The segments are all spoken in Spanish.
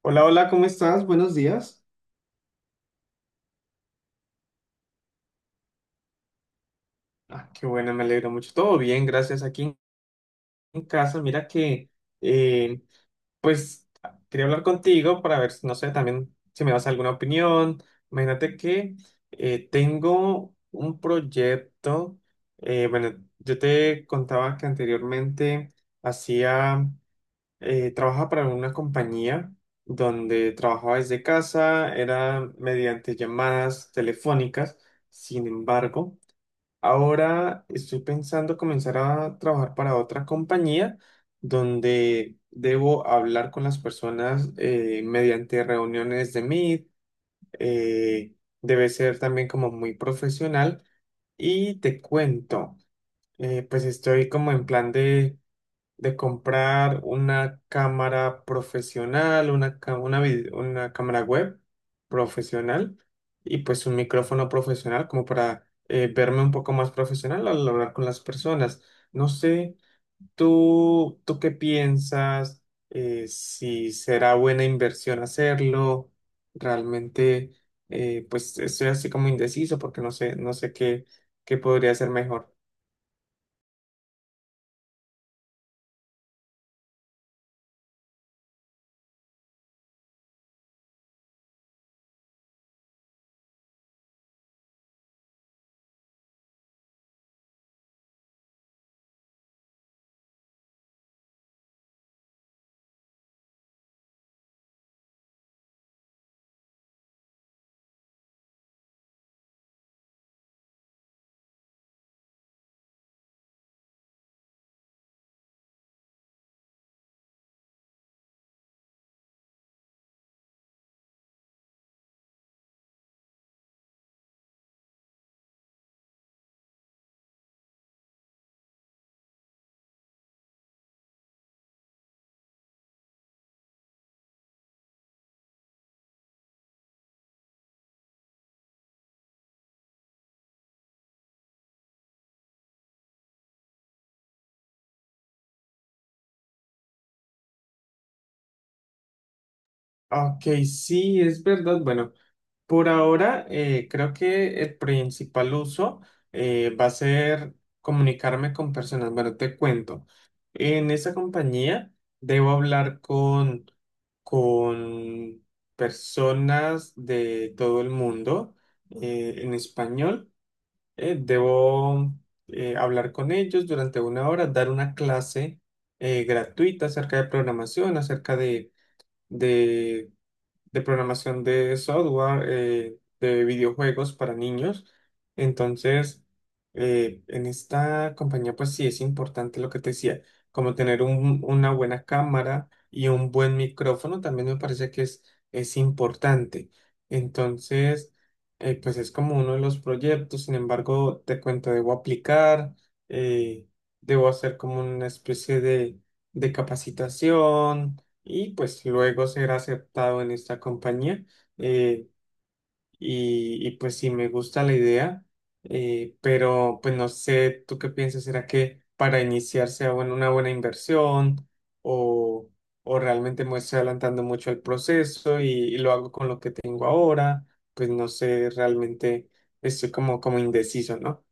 Hola, hola, ¿cómo estás? Buenos días. Ah, qué bueno, me alegro mucho. Todo bien, gracias. Aquí en casa, mira que, eh, pues, ah, quería hablar contigo para ver, si, no sé, también si me das alguna opinión. Imagínate que tengo un proyecto. Bueno, yo te contaba que anteriormente hacía, trabajaba para una compañía donde trabajaba desde casa, era mediante llamadas telefónicas. Sin embargo, ahora estoy pensando comenzar a trabajar para otra compañía donde debo hablar con las personas mediante reuniones de Meet. eh, Debe ser también como muy profesional. Y te cuento, pues estoy como en plan de comprar una cámara profesional, una, una, una cámara web profesional y pues un micrófono profesional como para verme un poco más profesional al hablar con las personas. No sé, ¿tú qué piensas? Si será buena inversión hacerlo, realmente, pues estoy así como indeciso porque no sé qué, qué podría ser mejor. Ok, sí, es verdad. Bueno. Por ahora, creo que el principal uso va a ser comunicarme con personas. Bueno, te cuento. En esa compañía debo hablar con personas de todo el mundo, en español. Debo hablar con ellos durante una hora, dar una clase gratuita acerca de programación de software, de videojuegos para niños. Entonces, en esta compañía, pues sí es importante lo que te decía, como tener una buena cámara y un buen micrófono. También me parece que es importante. Entonces, pues es como uno de los proyectos. Sin embargo, te cuento, debo aplicar, eh, debo hacer como una especie de capacitación y pues luego ser aceptado en esta compañía. eh, y, y, pues sí, me gusta la idea, pero pues no sé, ¿tú qué piensas? ¿Será que para iniciar sea bueno, una buena inversión o, o realmente me estoy adelantando mucho el proceso y lo hago con lo que tengo ahora? Pues no sé, realmente estoy como, como indeciso, ¿no?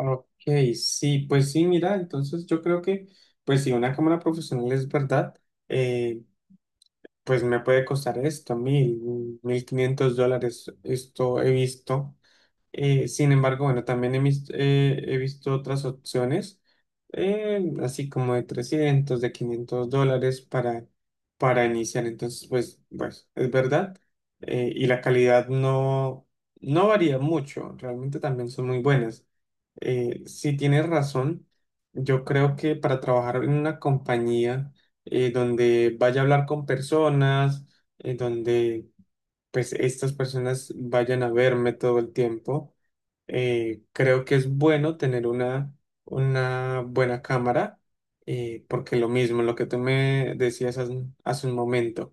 Ok, sí, pues sí, mira, entonces yo creo que pues si una cámara profesional es verdad. eh, pues me puede costar esto, $1000, $1500, esto he visto. Sin embargo, bueno, también he visto otras opciones, así como de $300 de $500 para iniciar. Entonces, pues, pues, es verdad. Y la calidad no, no varía mucho, realmente también son muy buenas. Sí, tienes razón. Yo creo que para trabajar en una compañía donde vaya a hablar con personas, donde pues estas personas vayan a verme todo el tiempo, creo que es bueno tener una buena cámara, porque lo mismo, lo que tú me decías hace, hace un momento,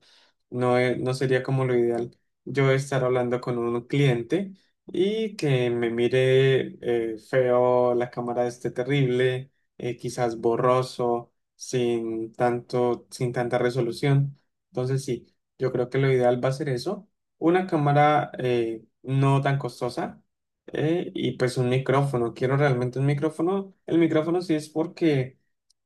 no, no sería como lo ideal yo estar hablando con un cliente y que me mire feo, la cámara esté terrible, quizás borroso, sin tanto, sin tanta resolución. Entonces sí, yo creo que lo ideal va a ser eso, una cámara no tan costosa, y pues un micrófono, quiero realmente un micrófono. El micrófono sí, es porque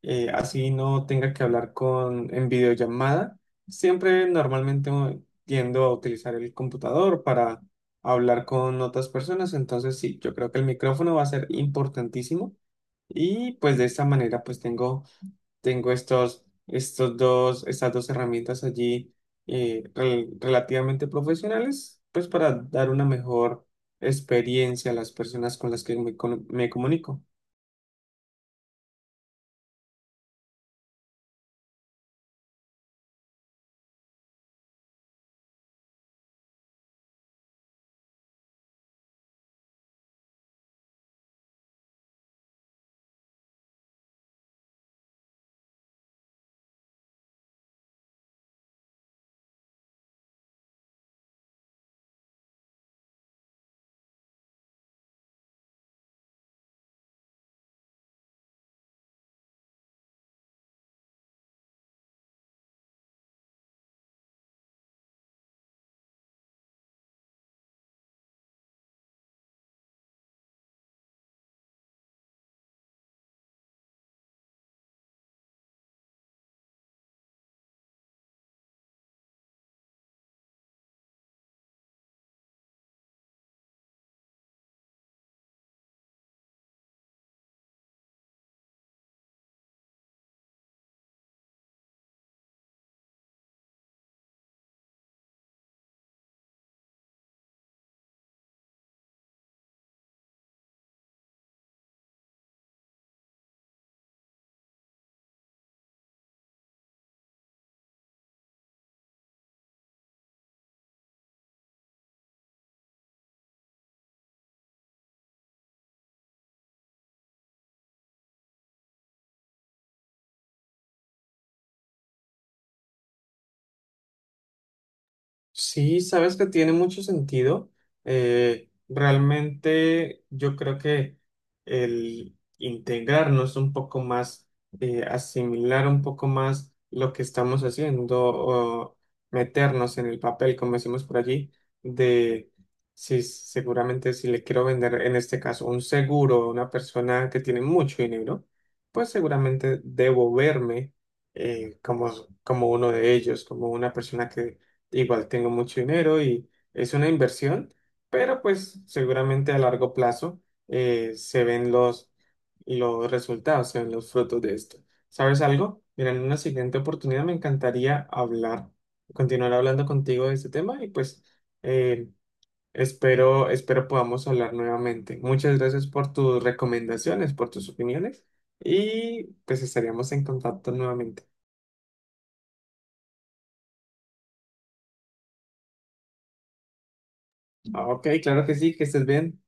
así no tenga que hablar con en videollamada. Siempre normalmente tiendo a utilizar el computador para hablar con otras personas. Entonces sí, yo creo que el micrófono va a ser importantísimo y pues de esta manera pues tengo estos, estos dos, estas dos herramientas allí, relativamente profesionales, pues para dar una mejor experiencia a las personas con las que me, me comunico. Sí, sabes que tiene mucho sentido. Realmente yo creo que el integrarnos un poco más, asimilar un poco más lo que estamos haciendo o meternos en el papel, como decimos por allí, de si, seguramente si le quiero vender en este caso un seguro a una persona que tiene mucho dinero, pues seguramente debo verme como, como uno de ellos, como una persona que igual tengo mucho dinero y es una inversión, pero pues seguramente a largo plazo se ven los resultados, se ven los frutos de esto. ¿Sabes algo? Mira, en una siguiente oportunidad me encantaría hablar, continuar hablando contigo de este tema y pues, eh, espero, espero podamos hablar nuevamente. Muchas gracias por tus recomendaciones, por tus opiniones y pues estaríamos en contacto nuevamente. Ah, ok, claro que sí, que estés bien.